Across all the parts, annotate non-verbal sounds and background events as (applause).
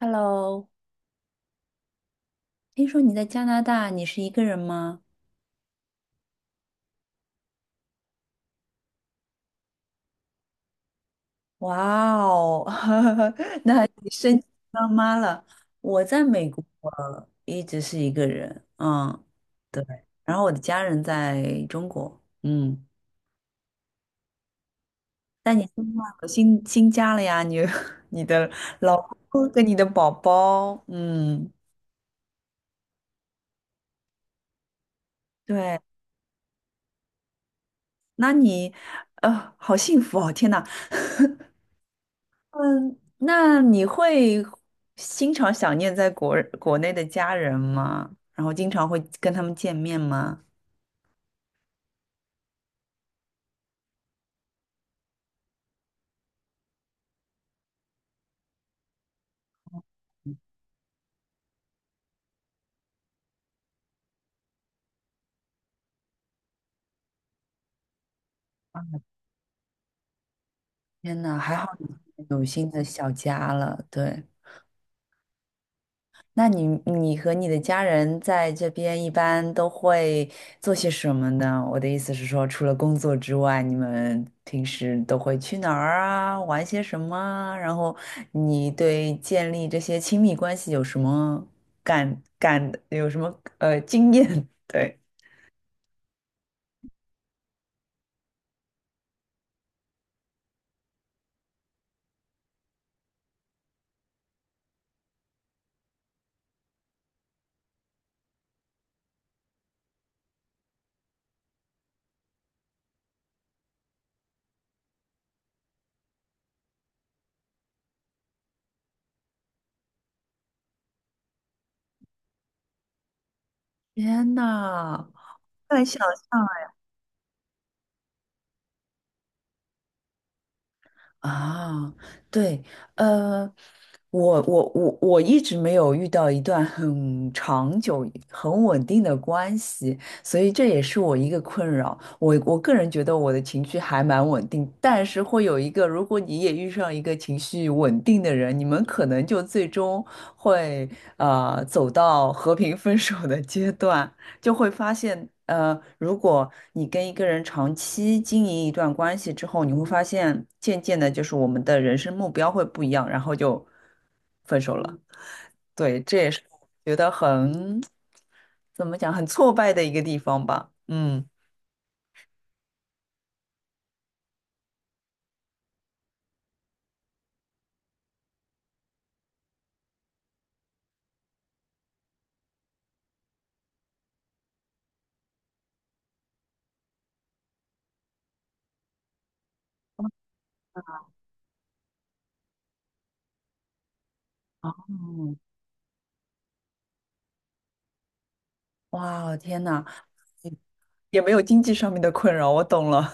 Hello，听说你在加拿大，你是一个人吗？哇哦，(laughs) 那你升级当妈了。我在美国一直是一个人，嗯，对。然后我的家人在中国，嗯。但你新换了新家了呀，你 (laughs) 你的老公跟你的宝宝，嗯，对。那你，好幸福哦！天呐，嗯，那你会经常想念在国内的家人吗？然后经常会跟他们见面吗？天呐，还好你有新的小家了，对。那你你和你的家人在这边一般都会做些什么呢？我的意思是说，除了工作之外，你们平时都会去哪儿啊，玩些什么啊然后你对建立这些亲密关系有什么，有什么经验？(laughs) 对，天呐，太想象。啊，对，呃，我一直没有遇到一段很长久、很稳定的关系，所以这也是我一个困扰。我个人觉得我的情绪还蛮稳定，但是会有一个，如果你也遇上一个情绪稳定的人，你们可能就最终会走到和平分手的阶段。就会发现，如果你跟一个人长期经营一段关系之后，你会发现，渐渐的，就是我们的人生目标会不一样，然后就分手了。对，这也是我觉得很，怎么讲，很挫败的一个地方吧。嗯，哦，哇，天呐，也没有经济上面的困扰，我懂了。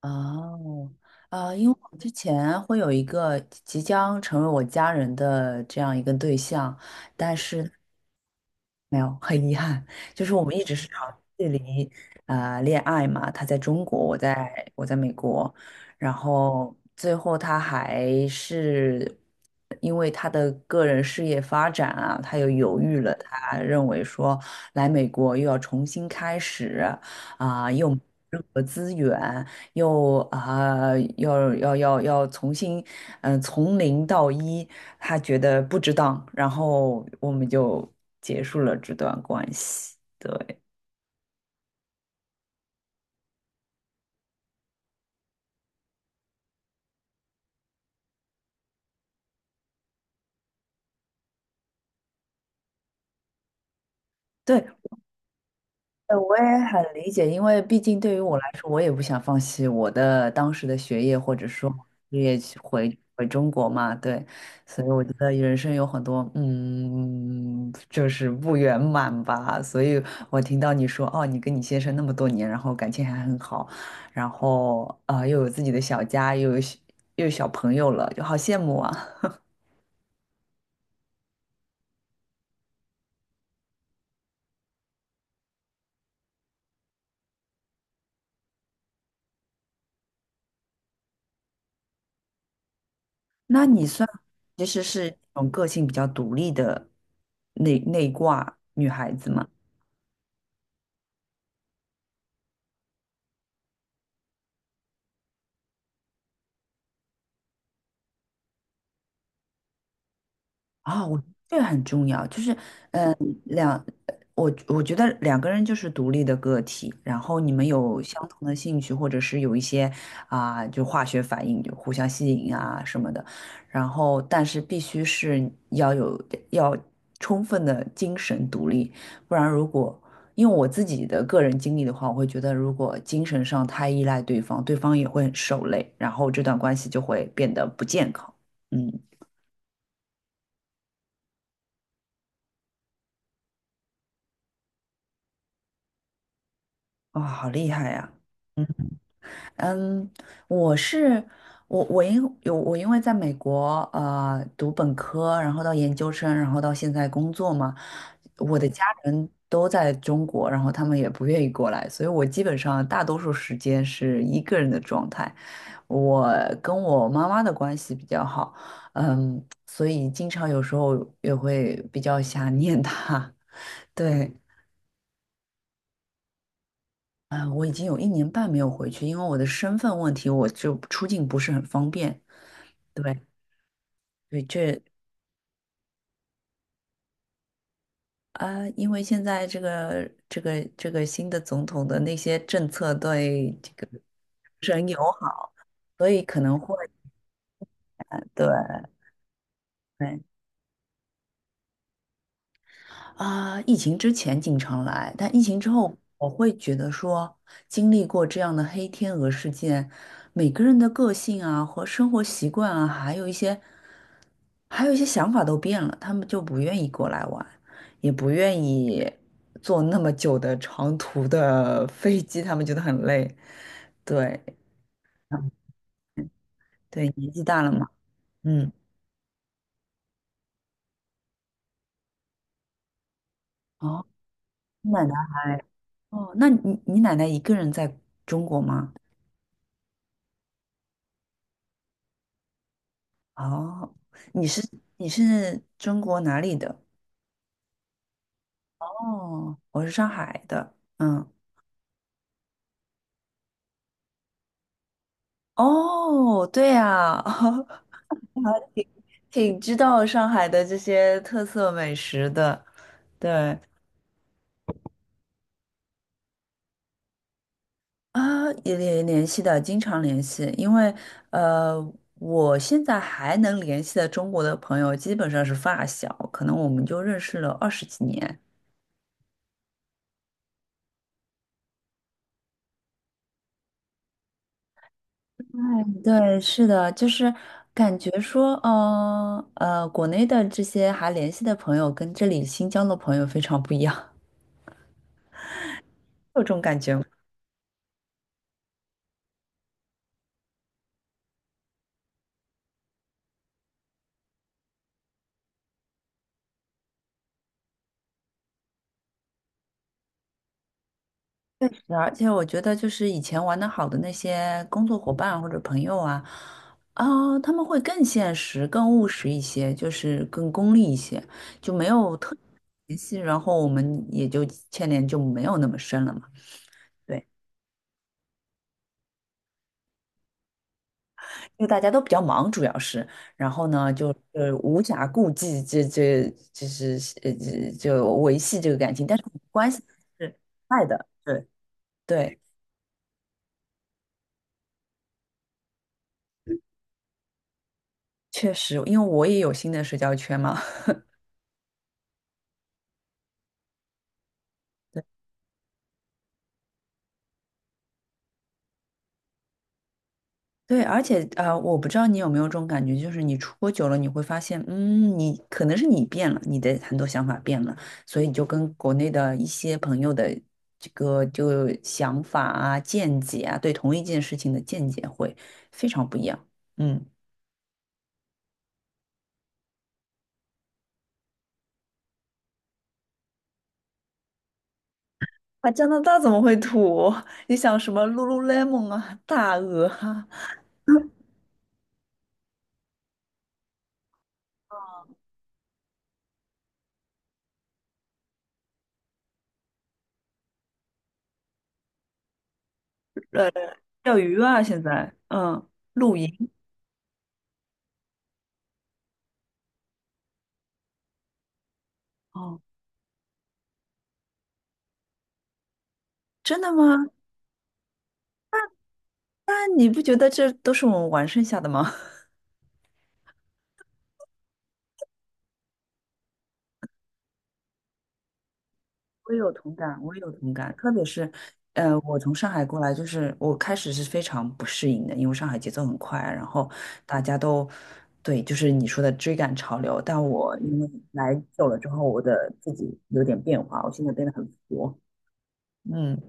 哦，啊，因为我之前会有一个即将成为我家人的这样一个对象，但是没有，很遗憾，就是我们一直是朝距离啊、恋爱嘛，他在中国，我在美国，然后最后他还是因为他的个人事业发展啊，他又犹豫了，他认为说来美国又要重新开始啊、又没有任何资源，又啊、要重新，嗯、从零到一，他觉得不值当，然后我们就结束了这段关系。对。对，我也很理解，因为毕竟对于我来说，我也不想放弃我的当时的学业，或者说事业去回中国嘛，对，所以我觉得人生有很多嗯，就是不圆满吧。所以我听到你说，哦，你跟你先生那么多年，然后感情还很好，然后啊、又有自己的小家，又有小朋友了，就好羡慕啊。那你算其实是那种个性比较独立的内挂女孩子吗？啊，我这个很重要，就是两，我觉得两个人就是独立的个体，然后你们有相同的兴趣，或者是有一些啊、就化学反应，就互相吸引啊什么的，然后但是必须是要有要充分的精神独立，不然因为我自己的个人经历的话，我会觉得如果精神上太依赖对方，对方也会很受累，然后这段关系就会变得不健康。嗯，哇、好厉害呀！嗯。嗯，我是我因为在美国读本科，然后到研究生，然后到现在工作嘛，我的家人都在中国，然后他们也不愿意过来，所以我基本上大多数时间是一个人的状态。我跟我妈妈的关系比较好，嗯，所以经常有时候也会比较想念她。(laughs) 对，啊，我已经有一年半没有回去，因为我的身份问题，我就出境不是很方便。对，对，这啊，因为现在这个新的总统的那些政策对这个不是很友好，所以可能会对。啊，疫情之前经常来，但疫情之后，我会觉得说，经历过这样的黑天鹅事件，每个人的个性啊和生活习惯啊，还有一些想法都变了，他们就不愿意过来玩，也不愿意坐那么久的长途的 (laughs) 飞机，他们觉得很累。对，嗯对，年纪大了嘛，嗯，哦，你奶奶，哦，那你奶奶一个人在中国吗？哦，你是中国哪里的？哦，我是上海的。嗯，哦，对呀，(laughs) 挺知道上海的这些特色美食的。对啊，也联系的，经常联系，因为呃，我现在还能联系的中国的朋友基本上是发小，可能我们就认识了二十几年。对，是的，就是感觉说，国内的这些还联系的朋友跟这里新疆的朋友非常不一样，(laughs) 有这种感觉吗？确实，而且我觉得就是以前玩的好的那些工作伙伴或者朋友啊，啊、他们会更现实、更务实一些，就是更功利一些，就没有特别联系，然后我们也就牵连就没有那么深了嘛。对。因为大家都比较忙，主要是，然后呢，就是无暇顾及就是这就维系这个感情，但是关系是爱的，对对，确实，因为我也有新的社交圈嘛，(laughs) 对，而且我不知道你有没有这种感觉，就是你出国久了，你会发现，嗯，你可能是你变了，你的很多想法变了，所以你就跟国内的一些朋友的这个就想法啊、见解啊，对同一件事情的见解会非常不一样。嗯，啊，加拿大怎么会土？(laughs) 你想什么 Lululemon 啊、大鹅啊、呃、钓鱼啊，现在嗯，露营哦，真的吗？那你不觉得这都是我们玩剩下的吗？我有同感，我有同感，特别是，我从上海过来，就是我开始是非常不适应的，因为上海节奏很快啊，然后大家都，对，就是你说的追赶潮流。但我因为来久了之后，我的自己有点变化，我现在变得很佛。嗯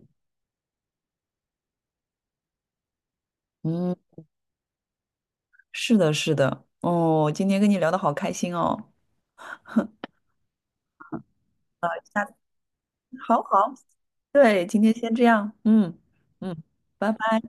嗯，是的，是的。哦，今天跟你聊得好开心哦。好好，对，今天先这样。嗯嗯，拜拜。